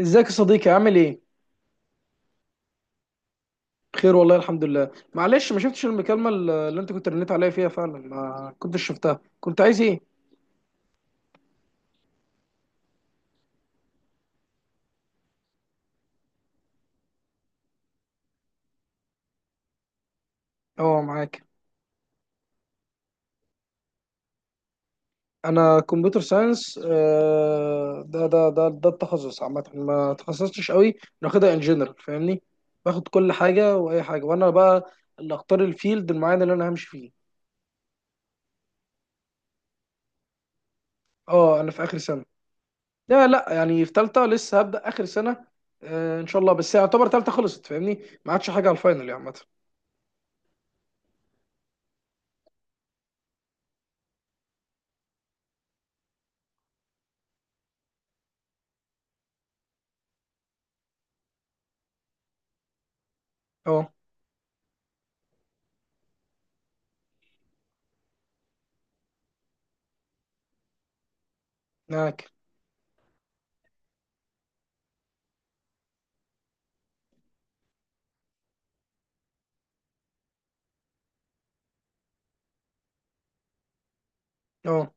ازيك يا صديقي، عامل ايه؟ بخير والله الحمد لله. معلش، ما شفتش المكالمه اللي انت كنت رنيت عليا فيها، فعلا ما كنتش شفتها. كنت عايز ايه؟ اه، معاك. انا كمبيوتر ساينس، ده التخصص عامه، ما تخصصتش قوي. ناخدها انجينير، فاهمني؟ باخد كل حاجه واي حاجه، وانا بقى اللي اختار الفيلد المعين اللي انا همشي فيه. اه، انا في اخر سنه. لا لا، يعني في ثالثه، لسه هبدا اخر سنه. ان شاء الله، بس يعتبر ثالثه خلصت، فاهمني؟ ما عادش حاجه على الفاينل، يعني عامه. اه، معاك. اه.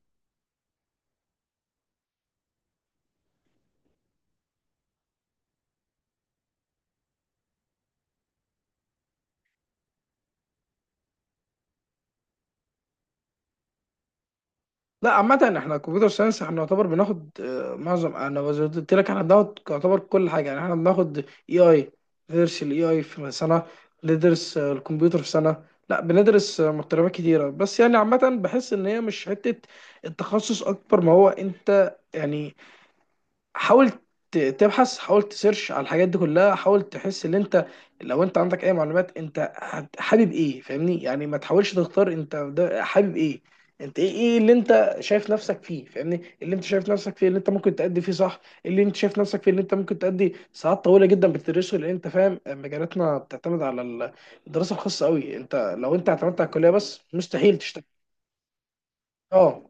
لا عامة، احنا كمبيوتر ساينس احنا نعتبر بناخد معظم، انا زي ما قلت لك احنا بناخد يعتبر كل حاجة، يعني احنا بناخد اي اي. ندرس الاي اي في سنة. ندرس الكمبيوتر في سنة. لا بندرس مقتربات كتيرة، بس يعني عامة بحس ان هي مش حتة التخصص اكبر ما هو، انت يعني حاول تبحث، حاول تسيرش على الحاجات دي كلها، حاول تحس ان انت لو انت عندك اي معلومات انت حابب ايه، فاهمني؟ يعني ما تحاولش تختار، انت ده حابب ايه؟ انت ايه اللي انت شايف نفسك فيه، فاهمني؟ اللي انت شايف نفسك فيه، اللي انت ممكن تأدي فيه، صح؟ اللي انت شايف نفسك فيه، اللي انت ممكن تأدي ساعات طويلة جدا بتدرسه، لان انت فاهم مجالاتنا بتعتمد على الدراسة الخاصة قوي. انت لو انت اعتمدت على الكلية بس مستحيل تشتغل. اه،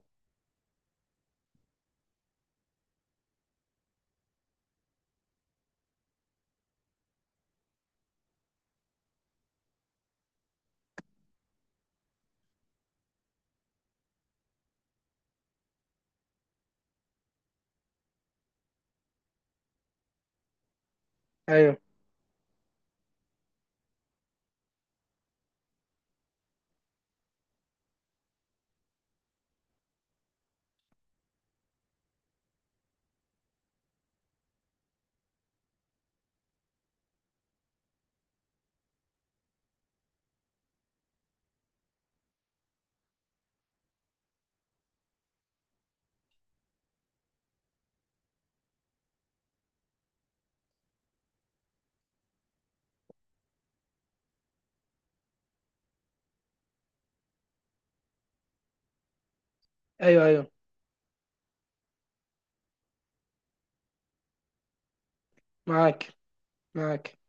ايوه ايوه ايوه. معاك معاك.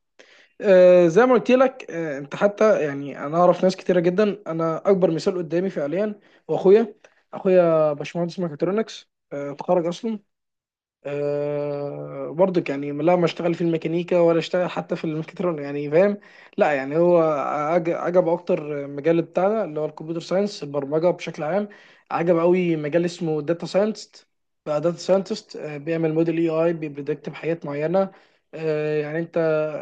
زي ما قلت لك، انت حتى يعني، انا اعرف ناس كتيره جدا. انا اكبر مثال قدامي فعليا هو اخويا. اخويا باشمهندس ميكاترونكس، اتخرج اصلا. أه برضك، يعني لا، ما اشتغل في الميكانيكا ولا اشتغل حتى في الميكاترون، يعني فاهم؟ لا يعني هو عجب اكتر مجال بتاعنا، اللي هو الكمبيوتر ساينس، البرمجه بشكل عام. عجب قوي مجال اسمه داتا ساينتست. بقى داتا ساينتست بيعمل موديل اي اي، بيبريدكت بحاجات معينه. يعني انت،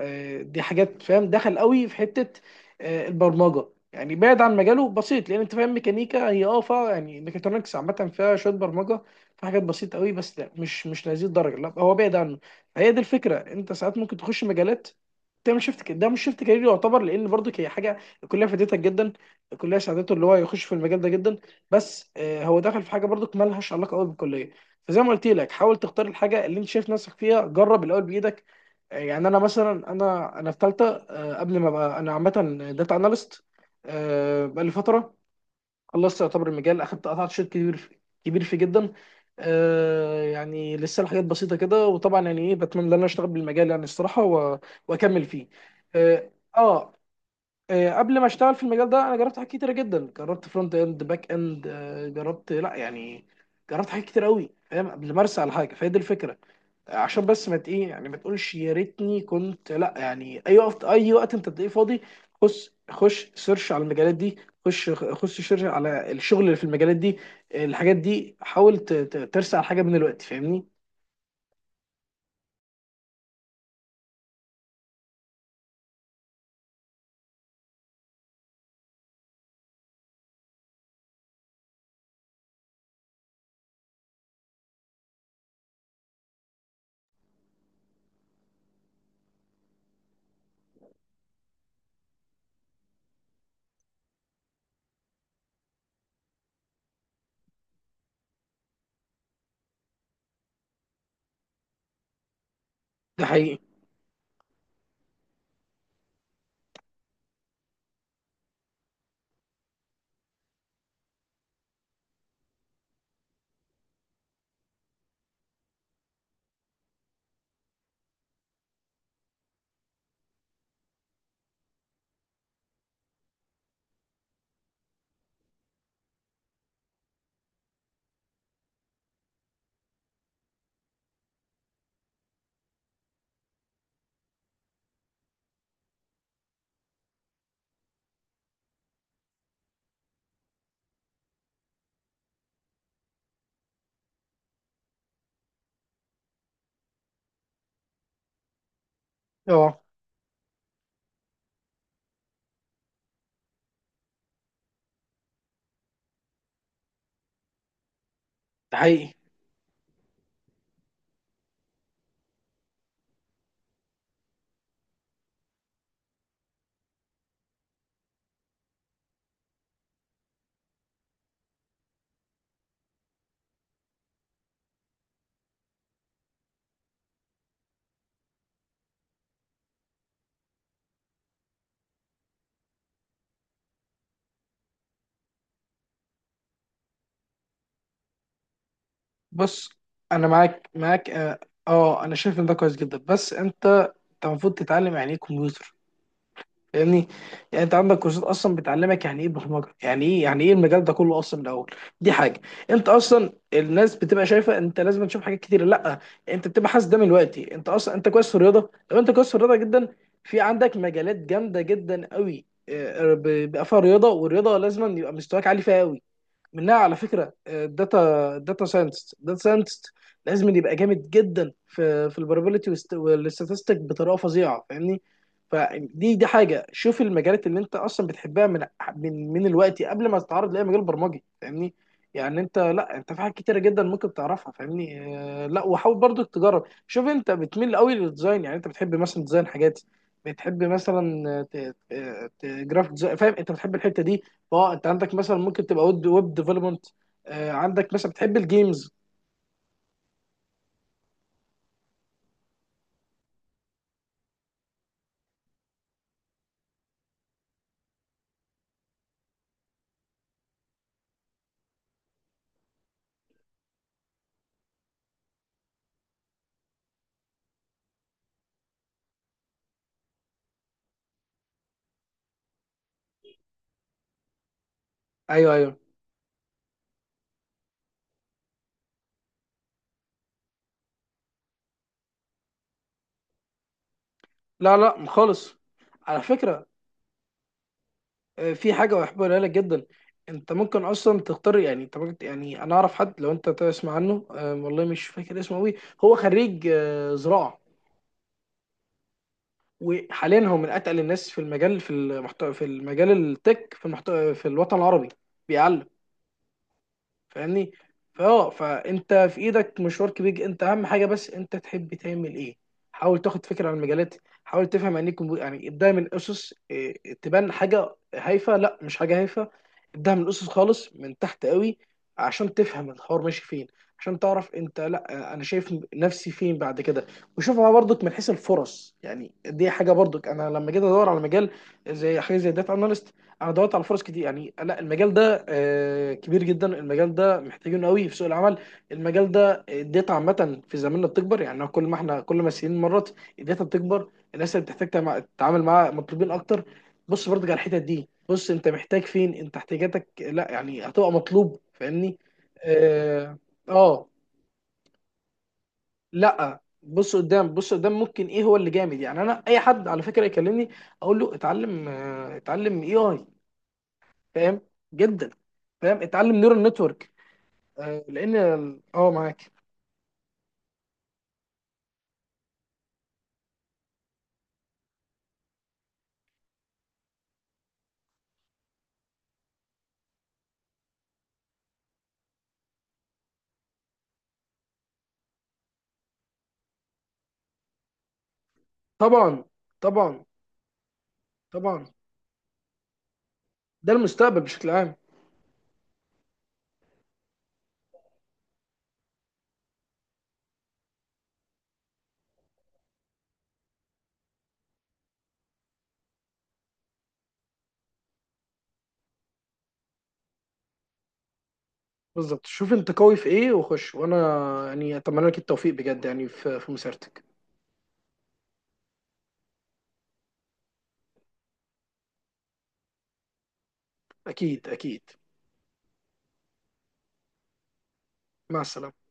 دي حاجات فاهم دخل قوي في حته. البرمجه يعني بعيد عن مجاله بسيط، لان انت فاهم ميكانيكا، هي يعني ميكاترونكس عامه فيها شويه برمجه، في حاجات بسيطه قوي، بس لا مش لهذه الدرجه. لا هو بعيد عنه. هي دي الفكره، انت ساعات ممكن تخش مجالات، تعمل شيفت ده مش شيفت كارير يعتبر، لان برضك هي حاجه الكليه فادتك جدا. الكليه ساعدته اللي هو يخش في المجال ده جدا. بس هو دخل في حاجه برضك مالهاش علاقه قوي بالكليه. فزي ما قلت لك، حاول تختار الحاجه اللي انت شايف نفسك فيها، جرب الاول بايدك. يعني انا مثلا، انا في ثالثه، قبل ما ابقى انا عامه داتا اناليست بقالي فتره، خلصت يعتبر المجال، اخدت قطعت شوط كبير في، كبير فيه جدا. آه يعني لسه الحاجات بسيطه كده، وطبعا يعني ايه بتمنى ان انا اشتغل بالمجال، يعني الصراحه، واكمل فيه. آه, اه قبل ما اشتغل في المجال ده انا جربت حاجات كتيره جدا، جربت فرونت اند، باك اند، جربت لا يعني جربت حاجات كتير قوي، فاهم؟ قبل ما ارسى على حاجه. فهي دي الفكره، عشان بس ما ايه، يعني ما تقولش يا ريتني كنت، لا يعني اي وقت، اي وقت انت تلاقيه فاضي خش خش سيرش على المجالات دي، خش خش سيرش على الشغل اللي في المجالات دي، الحاجات دي. حاول ترسع على حاجه من الوقت، فاهمني؟ ده حقيقي. اه، ده حقيقي. بص، انا معاك معاك، اه. انا شايف ان ده كويس جدا، بس انت المفروض تتعلم يعني ايه كمبيوتر، فاهمني؟ يعني انت عندك كورسات اصلا بتعلمك يعني ايه برمجه، يعني ايه، المجال ده كله اصلا من الاول. دي حاجه. انت اصلا الناس بتبقى شايفه انت لازم تشوف حاجات كتير، لا. انت بتبقى حاسس ده من دلوقتي، انت اصلا انت كويس في الرياضه، لو انت كويس في الرياضه جدا في عندك مجالات جامده جدا قوي، بيبقى فيها رياضه. والرياضه لازم يبقى مستواك عالي فيها قوي. منها على فكره الداتا، الداتا ساينتست لازم يبقى جامد جدا في البروبابيلتي والاستاتستيك بطريقه فظيعه، فاهمني؟ فدي حاجه، شوف المجالات اللي انت اصلا بتحبها من من الوقت، قبل ما تتعرض لاي مجال برمجي، فاهمني؟ يعني انت لا، انت في حاجات كتيره جدا ممكن تعرفها، فاهمني؟ لا وحاول برضك تجرب، شوف انت بتميل قوي للديزاين، يعني انت بتحب مثلا ديزاين حاجات، بتحب مثلا جرافيك ديزاين، فاهم؟ انت بتحب الحته دي. اه، انت عندك مثلا ممكن تبقى ويب ديفلوبمنت. عندك مثلا بتحب الجيمز. ايوه ايوه. لا لا خالص. على فكره، في حاجه بحبها لك جدا. انت ممكن اصلا تختار، يعني انت ممكن، يعني انا اعرف حد لو انت تسمع عنه، والله مش فاكر اسمه قوي. هو خريج زراعه، وحاليا هو من اتقل الناس في المجال، في المحتوى، في المجال التك في المحتوى في الوطن العربي، بيعلم، فاهمني؟ فانت في ايدك مشوار كبير، انت اهم حاجه بس انت تحب تعمل ايه. حاول تاخد فكره عن المجالات. حاول تفهم يعني ايه كمبيوتر، يعني ابداها من اسس، تبان حاجه هايفه، لا مش حاجه هايفه. ابداها من اسس خالص من تحت قوي، عشان تفهم الحوار ماشي فين، عشان تعرف انت، لا انا شايف نفسي فين بعد كده. وشوفها برضك من حيث الفرص، يعني دي حاجه برضك انا لما جيت ادور على مجال زي حاجه زي داتا اناليست، انا دورت على فرص كتير، يعني لا المجال ده كبير جدا، المجال ده محتاجينه قوي في سوق العمل. المجال ده الداتا عامه في زماننا بتكبر، يعني كل ما احنا كل ما السنين مرت الداتا بتكبر، الناس اللي بتحتاج تتعامل معاها مطلوبين اكتر. بص برضك على الحتت دي، بص انت محتاج فين، انت احتياجاتك، لا يعني هتبقى مطلوب، فاهمني؟ اه آه، لا بص قدام، بص قدام ممكن ايه هو اللي جامد. يعني انا اي حد على فكره يكلمني اقول له اتعلم اتعلم اي اي، فاهم؟ جدا. فاهم اتعلم نيورال نتورك، لان معاك. طبعا طبعا طبعا. ده المستقبل بشكل عام. بالظبط، شوف انت قوي في ايه وخش، وانا يعني اتمنى لك التوفيق بجد، يعني في مسيرتك. اكيد اكيد. مع السلامه.